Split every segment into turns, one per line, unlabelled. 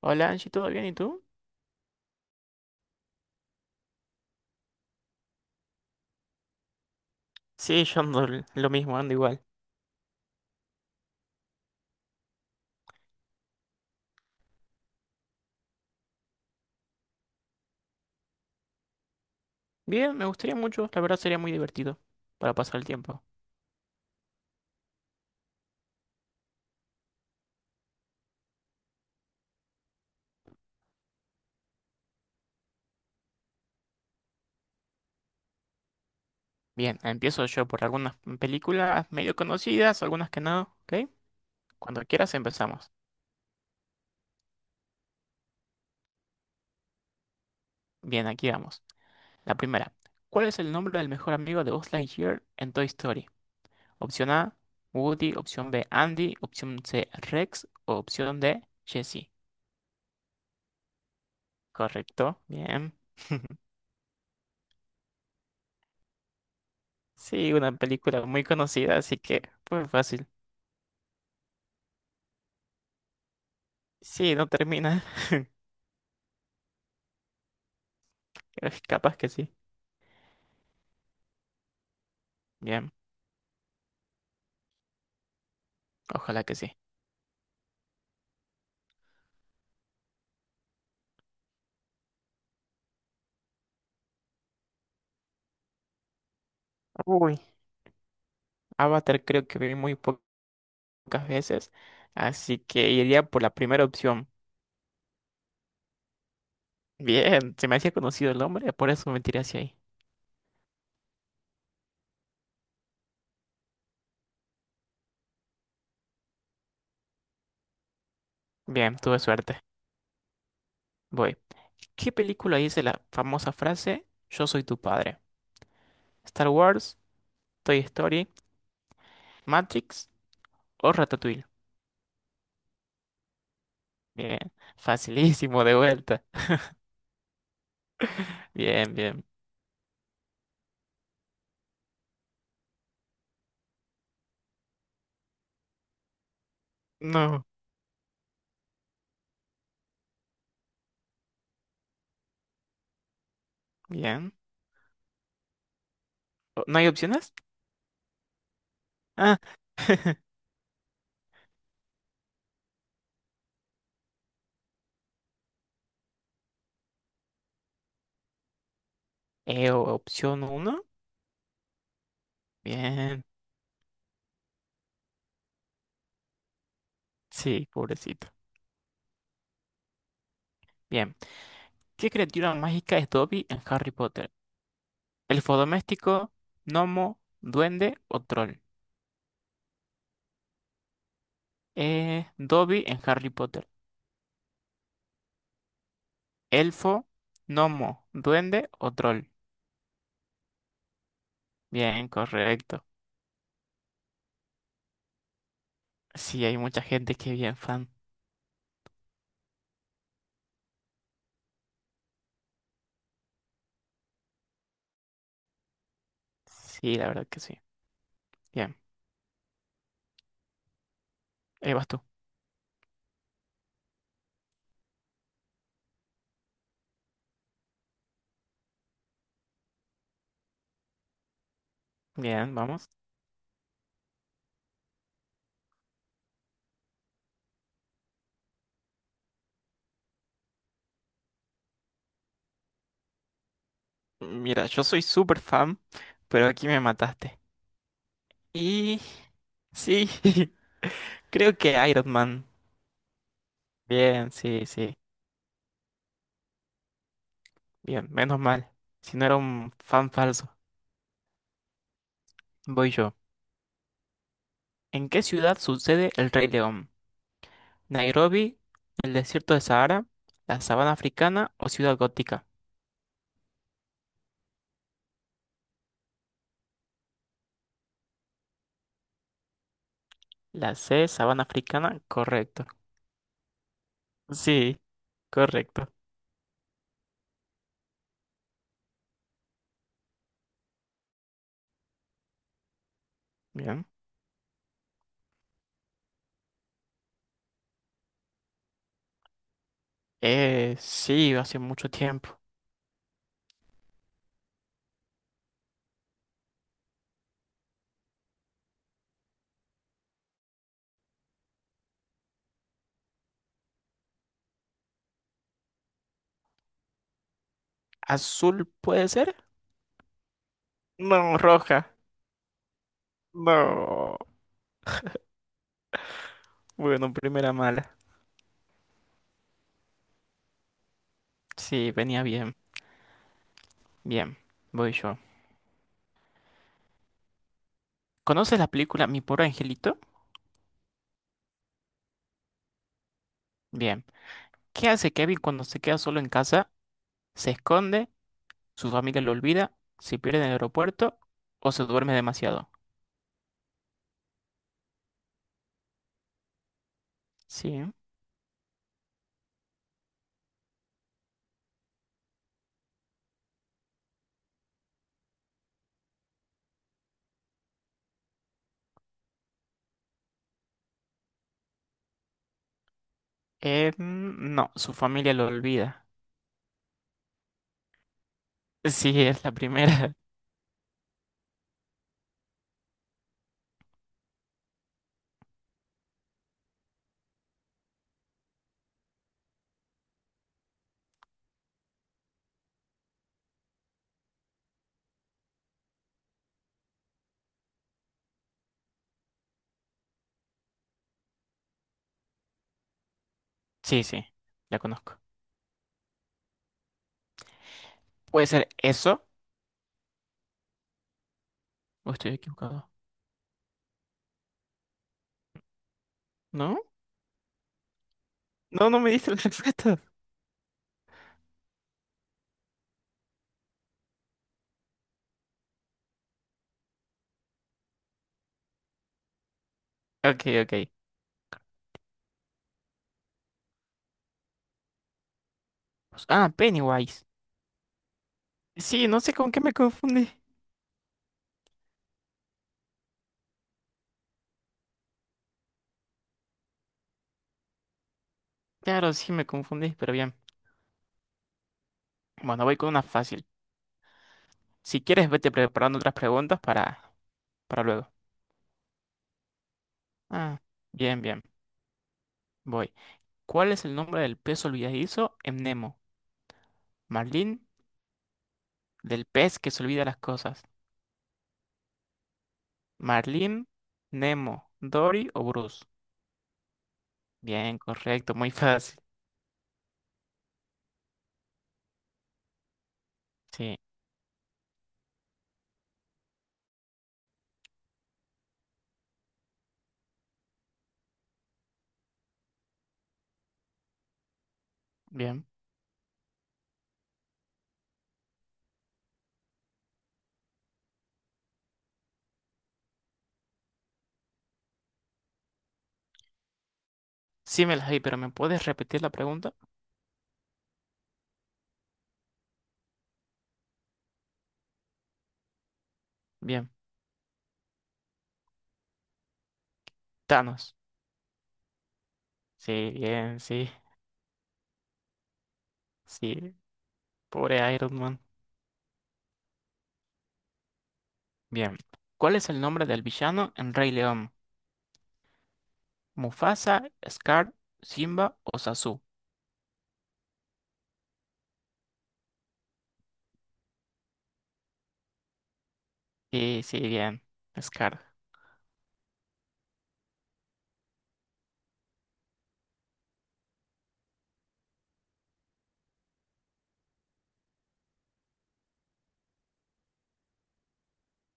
Hola Angie, ¿todo bien? ¿Y tú? Sí, yo ando lo mismo, ando igual. Bien, me gustaría mucho, la verdad sería muy divertido para pasar el tiempo. Bien, empiezo yo por algunas películas medio conocidas, algunas que no, ¿ok? Cuando quieras empezamos. Bien, aquí vamos. La primera. ¿Cuál es el nombre del mejor amigo de Buzz Lightyear en Toy Story? Opción A, Woody, opción B, Andy, opción C, Rex o opción D, Jessie. Correcto, bien. Sí, una película muy conocida, así que fue fácil. Sí, no termina. Pero es capaz que sí. Bien, ojalá que sí. Uy, Avatar creo que vi muy pocas veces, así que iría por la primera opción. Bien, se me hacía conocido el nombre, por eso me tiré hacia ahí. Bien, tuve suerte. Voy. ¿Qué película dice la famosa frase Yo soy tu padre? ¿Star Wars, Toy Story, Matrix o Ratatouille? Bien, facilísimo de vuelta. Bien, bien. No, bien. ¿No hay opciones? Ah. Opción uno. Bien. Sí, pobrecito. Bien. ¿Qué criatura mágica es Dobby en Harry Potter? ¿Elfo doméstico, gnomo, duende o troll? Dobby en Harry Potter. ¿Elfo, gnomo, duende o troll? Bien, correcto. Sí, hay mucha gente que es bien fan. Sí, la verdad que sí. Bien. Ahí vas tú. Bien, vamos. Mira, yo soy súper fan, pero aquí me mataste. Y... Sí, creo que Iron Man. Bien, sí, sí. Bien, menos mal. Si no era un fan falso. Voy yo. ¿En qué ciudad sucede el Rey León? ¿Nairobi, el desierto de Sahara, la sabana africana o ciudad gótica? La C, sabana africana, correcto. Sí, correcto. Bien. Sí, hace mucho tiempo. ¿Azul puede ser? No, roja. No. Bueno, primera mala. Sí, venía bien. Bien, voy yo. ¿Conoces la película Mi pobre angelito? Bien. ¿Qué hace Kevin cuando se queda solo en casa? ¿Se esconde? ¿Su familia lo olvida? ¿Se pierde en el aeropuerto? ¿O se duerme demasiado? Sí. No, su familia lo olvida. Sí, es la primera. Sí, sí, la conozco. ¿Puede ser eso? ¿O estoy equivocado? ¿No? No, no me diste las respuestas. Ok, ok. Ah, Pennywise. Sí, no sé con qué me confundí. Claro, sí me confundí, pero bien. Bueno, voy con una fácil. Si quieres, vete preparando otras preguntas para luego. Ah, bien, bien. Voy. ¿Cuál es el nombre del pez olvidadizo en Nemo? Marlin, del pez que se olvida las cosas. Marlin, Nemo, Dory o Bruce. Bien, correcto, muy fácil. Sí, bien. Sí me las di, pero ¿me puedes repetir la pregunta? Bien. Thanos. Sí, bien, sí, sí. Pobre Iron Man. Bien. ¿Cuál es el nombre del villano en Rey León? ¿Mufasa, Scar, Simba o Sasu? Sí, sí, bien. Scar.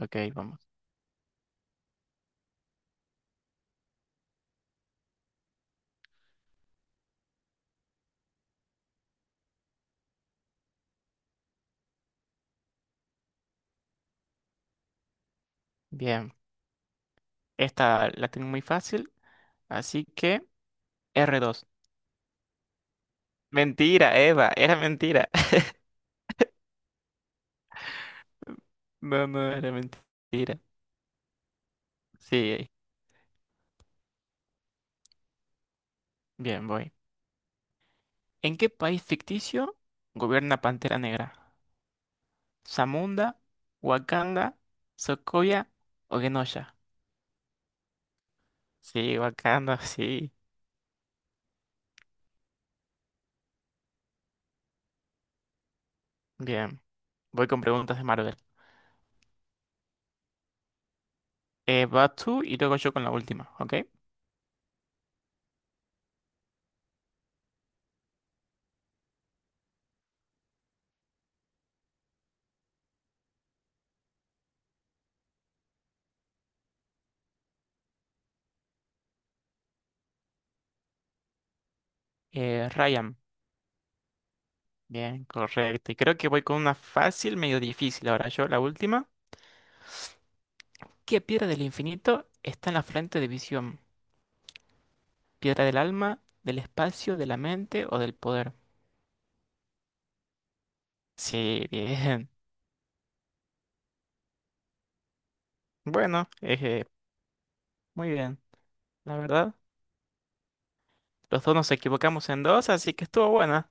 Ok, vamos. Bien. Esta la tengo muy fácil, así que R2. Mentira, Eva, era mentira. No, no, era mentira. Sí, bien, voy. ¿En qué país ficticio gobierna Pantera Negra? ¿Zamunda, Wakanda, Sokovia o Genosha? Sí, Wakanda, sí. Bien, voy con preguntas de Marvel. Vas tú y luego yo con la última, ¿ok? Ryan, bien, correcto. Y creo que voy con una fácil, medio difícil ahora. Yo, la última. ¿Qué piedra del infinito está en la frente de Visión? ¿Piedra del alma, del espacio, de la mente o del poder? Sí, bien. Bueno, muy bien. La verdad, los dos nos equivocamos en dos, así que estuvo buena.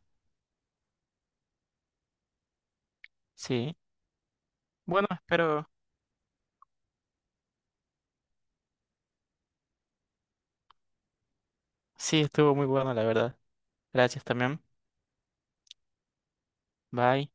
Sí. Bueno, espero. Sí, estuvo muy buena, la verdad. Gracias también. Bye.